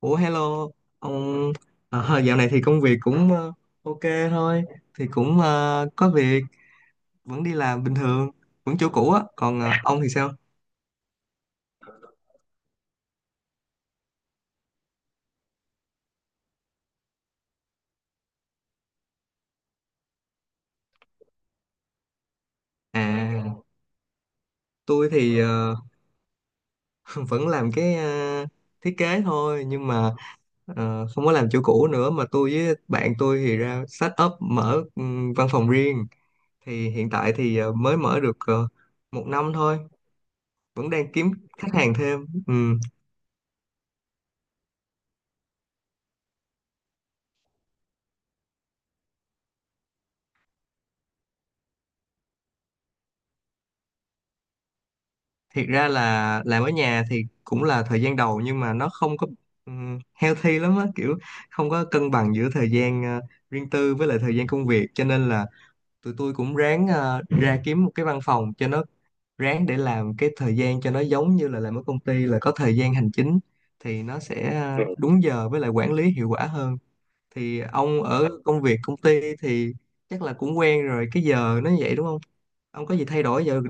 Ủa hello, ông dạo này thì công việc cũng ok thôi, thì cũng có việc, vẫn đi làm bình thường, vẫn chỗ cũ á, còn ông thì sao? À, tôi thì vẫn làm cái thiết kế thôi, nhưng mà không có làm chỗ cũ nữa, mà tôi với bạn tôi thì ra set up mở văn phòng riêng, thì hiện tại thì mới mở được một năm thôi, vẫn đang kiếm khách hàng thêm. Ừ, thiệt ra là làm ở nhà thì cũng là thời gian đầu, nhưng mà nó không có healthy lắm á, kiểu không có cân bằng giữa thời gian riêng tư với lại thời gian công việc, cho nên là tụi tôi cũng ráng ra kiếm một cái văn phòng cho nó, ráng để làm cái thời gian cho nó giống như là làm ở công ty là có thời gian hành chính, thì nó sẽ đúng giờ với lại quản lý hiệu quả hơn. Thì ông ở công việc công ty thì chắc là cũng quen rồi cái giờ nó vậy đúng không, ông có gì thay đổi giờ?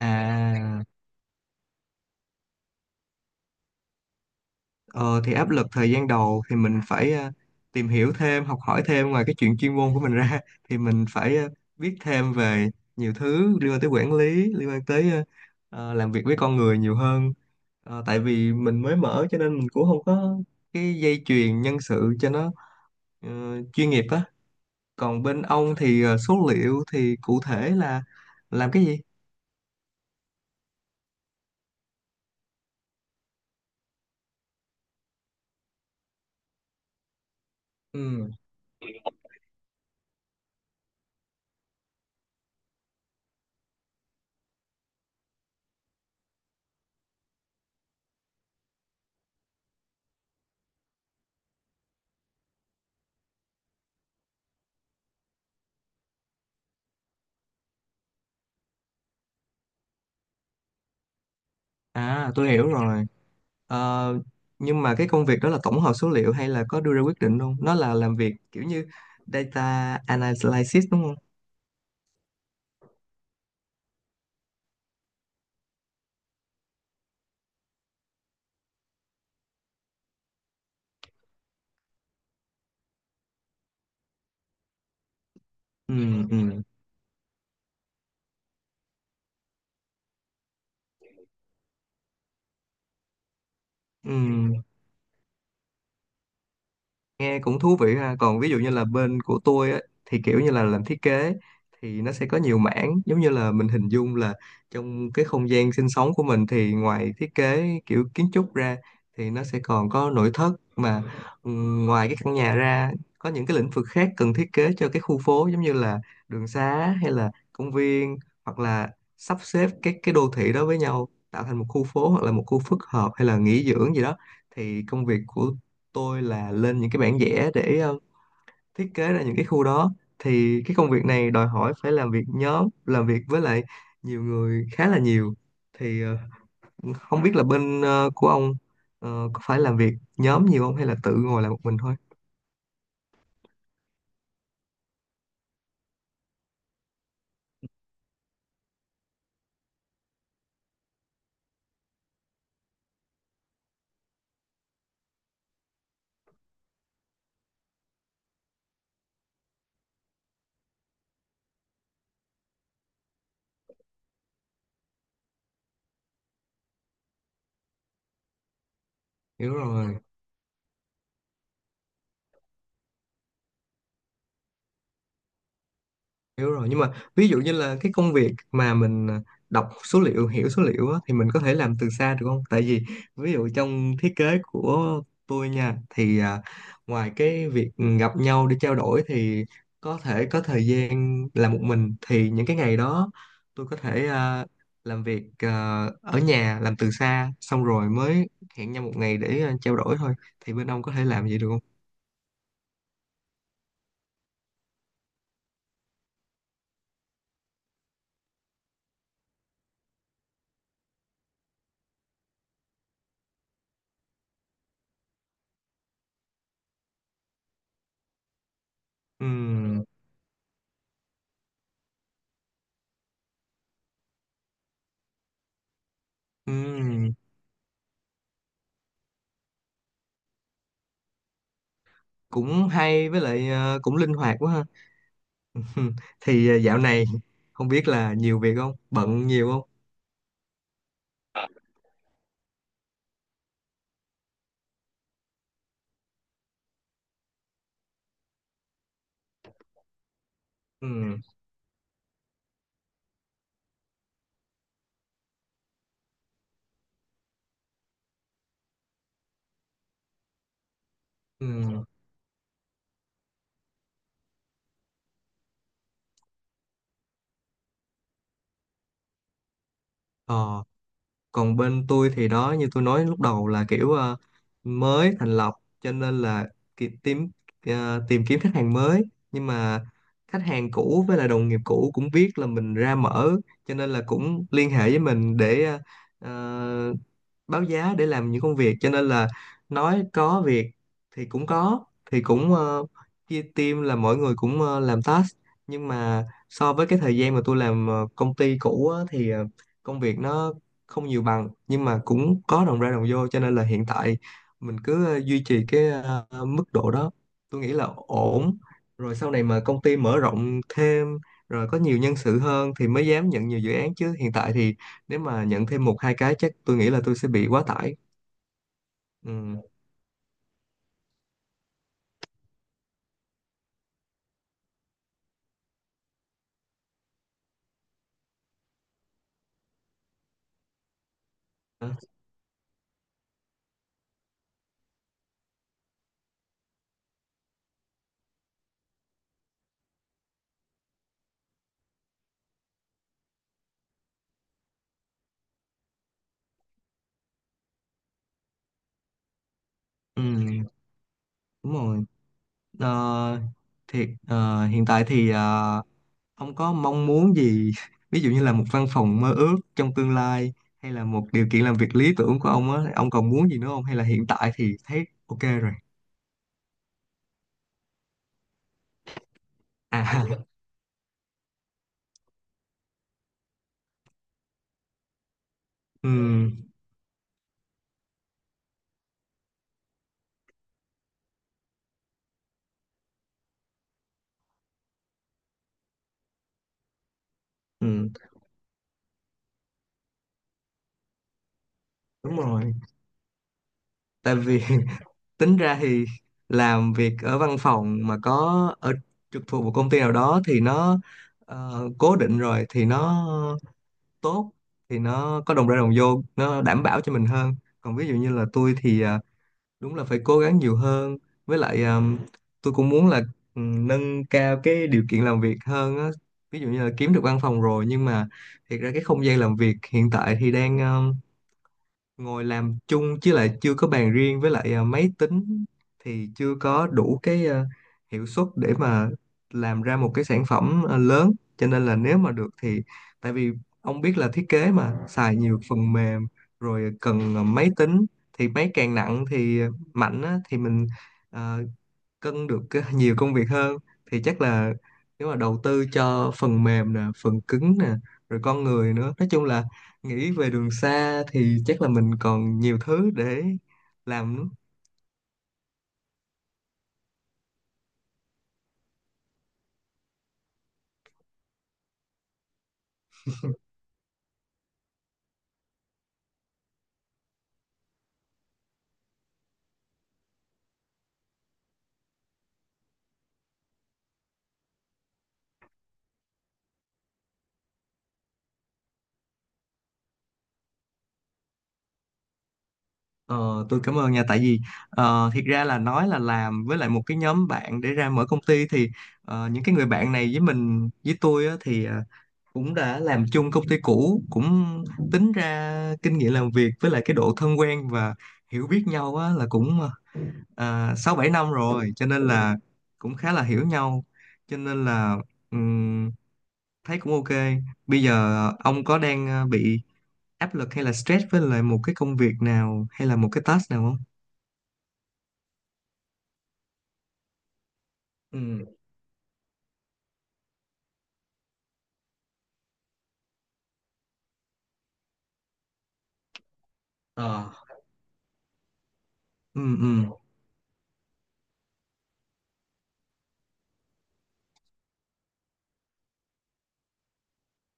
à Ờ, thì áp lực thời gian đầu thì mình phải tìm hiểu thêm, học hỏi thêm ngoài cái chuyện chuyên môn của mình ra, thì mình phải biết thêm về nhiều thứ liên quan tới quản lý, liên quan tới làm việc với con người nhiều hơn. Ờ, tại vì mình mới mở cho nên mình cũng không có cái dây chuyền nhân sự cho nó ờ, chuyên nghiệp á. Còn bên ông thì số liệu thì cụ thể là làm cái gì? Ừ. À, tôi hiểu rồi. Ờ, nhưng mà cái công việc đó là tổng hợp số liệu hay là có đưa ra quyết định luôn? Nó là làm việc kiểu như data analysis đúng không? Ừ, ừ, ừ. Nghe cũng thú vị ha. Còn ví dụ như là bên của tôi á, thì kiểu như là làm thiết kế thì nó sẽ có nhiều mảng, giống như là mình hình dung là trong cái không gian sinh sống của mình thì ngoài thiết kế kiểu kiến trúc ra thì nó sẽ còn có nội thất, mà ngoài cái căn nhà ra có những cái lĩnh vực khác cần thiết kế cho cái khu phố, giống như là đường xá hay là công viên, hoặc là sắp xếp các cái đô thị đó với nhau tạo thành một khu phố hoặc là một khu phức hợp hay là nghỉ dưỡng gì đó. Thì công việc của tôi là lên những cái bản vẽ để thiết kế ra những cái khu đó. Thì cái công việc này đòi hỏi phải làm việc nhóm, làm việc với lại nhiều người, khá là nhiều. Thì không biết là bên của ông có phải làm việc nhóm nhiều không hay là tự ngồi làm một mình thôi? Hiểu rồi. Hiểu rồi, nhưng mà ví dụ như là cái công việc mà mình đọc số liệu, hiểu số liệu á, thì mình có thể làm từ xa được không? Tại vì ví dụ trong thiết kế của tôi nha, thì ngoài cái việc gặp nhau để trao đổi thì có thể có thời gian làm một mình, thì những cái ngày đó tôi có thể làm việc ở nhà, làm từ xa xong rồi mới hẹn nhau một ngày để trao đổi thôi. Thì bên ông có thể làm vậy được không? Ừm, ừm, cũng hay, với lại cũng linh hoạt quá ha. Ừ, thì dạo này không biết là nhiều việc không, bận nhiều không? Ừ, ừ. Ờ, còn bên tôi thì đó, như tôi nói lúc đầu là kiểu mới thành lập, cho nên là tìm, tìm kiếm khách hàng mới, nhưng mà khách hàng cũ với lại đồng nghiệp cũ cũng biết là mình ra mở, cho nên là cũng liên hệ với mình để à, báo giá để làm những công việc, cho nên là nói có việc thì cũng có. Thì cũng chia team là mỗi người cũng làm task, nhưng mà so với cái thời gian mà tôi làm công ty cũ á, thì công việc nó không nhiều bằng, nhưng mà cũng có đồng ra đồng vô, cho nên là hiện tại mình cứ duy trì cái mức độ đó, tôi nghĩ là ổn. Rồi sau này mà công ty mở rộng thêm, rồi có nhiều nhân sự hơn thì mới dám nhận nhiều dự án, chứ hiện tại thì nếu mà nhận thêm một hai cái chắc tôi nghĩ là tôi sẽ bị quá tải. Ừ, đó. Ừ, đúng rồi. Ờ, thì hiện tại thì ông có mong muốn gì ví dụ như là một văn phòng mơ ước trong tương lai, hay là một điều kiện làm việc lý tưởng của ông á, ông còn muốn gì nữa không hay là hiện tại thì thấy ok rồi? À. Ừ, ừ, đúng rồi, tại vì tính ra thì làm việc ở văn phòng mà có ở trực thuộc một công ty nào đó thì nó cố định rồi thì nó tốt, thì nó có đồng ra đồng vô, nó đảm bảo cho mình hơn. Còn ví dụ như là tôi thì đúng là phải cố gắng nhiều hơn, với lại tôi cũng muốn là ừ, nâng cao cái điều kiện làm việc hơn á, ví dụ như là kiếm được văn phòng rồi, nhưng mà thiệt ra cái không gian làm việc hiện tại thì đang ngồi làm chung chứ lại chưa có bàn riêng, với lại máy tính thì chưa có đủ cái hiệu suất để mà làm ra một cái sản phẩm lớn, cho nên là nếu mà được thì, tại vì ông biết là thiết kế mà xài nhiều phần mềm, rồi cần máy tính, thì máy càng nặng thì mạnh á, thì mình à, cân được nhiều công việc hơn. Thì chắc là nếu mà đầu tư cho phần mềm nè, phần cứng nè, rồi con người nữa, nói chung là nghĩ về đường xa thì chắc là mình còn nhiều thứ để làm nữa. Ờ, tôi cảm ơn nha, tại vì thiệt ra là nói là làm với lại một cái nhóm bạn để ra mở công ty thì những cái người bạn này với mình, với tôi á, thì cũng đã làm chung công ty cũ, cũng tính ra kinh nghiệm làm việc với lại cái độ thân quen và hiểu biết nhau á, là cũng 6-7 năm rồi, cho nên là cũng khá là hiểu nhau. Cho nên là ừm, thấy cũng ok. Bây giờ ông có đang bị áp lực hay là stress với lại một cái công việc nào hay là một cái task nào không? Ừ. Ờ. Ừ, ừ.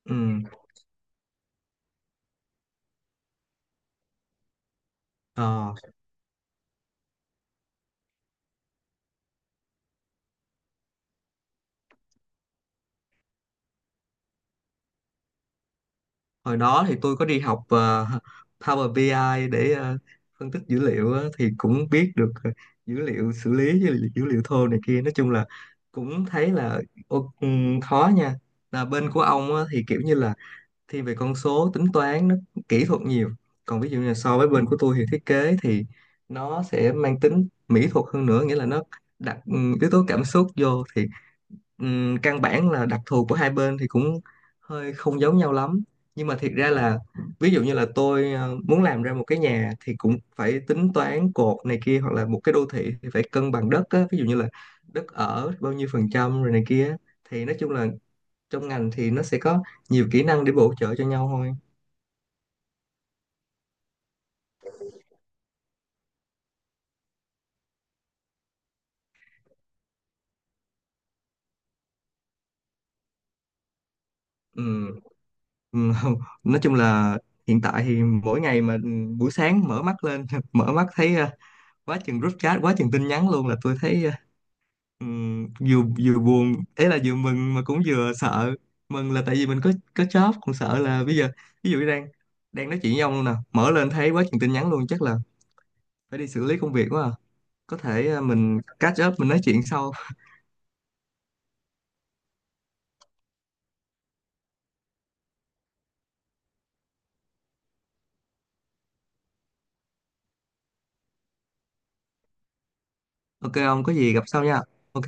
Ừ. Ờ. Hồi đó thì tôi có đi học Power BI ai để phân tích dữ liệu á, thì cũng biết được dữ liệu, xử lý dữ liệu thô này kia, nói chung là cũng thấy là khó nha. Là bên của ông á, thì kiểu như là thiên về con số, tính toán, nó kỹ thuật nhiều. Còn ví dụ như là so với bên của tôi thì thiết kế thì nó sẽ mang tính mỹ thuật hơn nữa, nghĩa là nó đặt yếu tố cảm xúc vô thì ừm, căn bản là đặc thù của hai bên thì cũng hơi không giống nhau lắm. Nhưng mà thiệt ra là ví dụ như là tôi muốn làm ra một cái nhà thì cũng phải tính toán cột này kia, hoặc là một cái đô thị thì phải cân bằng đất á, ví dụ như là đất ở bao nhiêu phần trăm rồi này kia á. Thì nói chung là trong ngành thì nó sẽ có nhiều kỹ năng để bổ trợ cho nhau thôi. Ừm, ừm, nói chung là hiện tại thì mỗi ngày mà buổi sáng mở mắt lên mở mắt thấy quá chừng group chat, quá chừng tin nhắn luôn, là tôi thấy ừm, vừa vừa buồn ấy, là vừa mừng mà cũng vừa sợ. Mừng là tại vì mình có job, còn sợ là bây giờ ví dụ như đang đang nói chuyện với ông luôn nè, mở lên thấy quá chừng tin nhắn luôn, chắc là phải đi xử lý công việc quá à. Có thể mình catch up, mình nói chuyện sau. Ok, ông có gì gặp sau nha. Ok.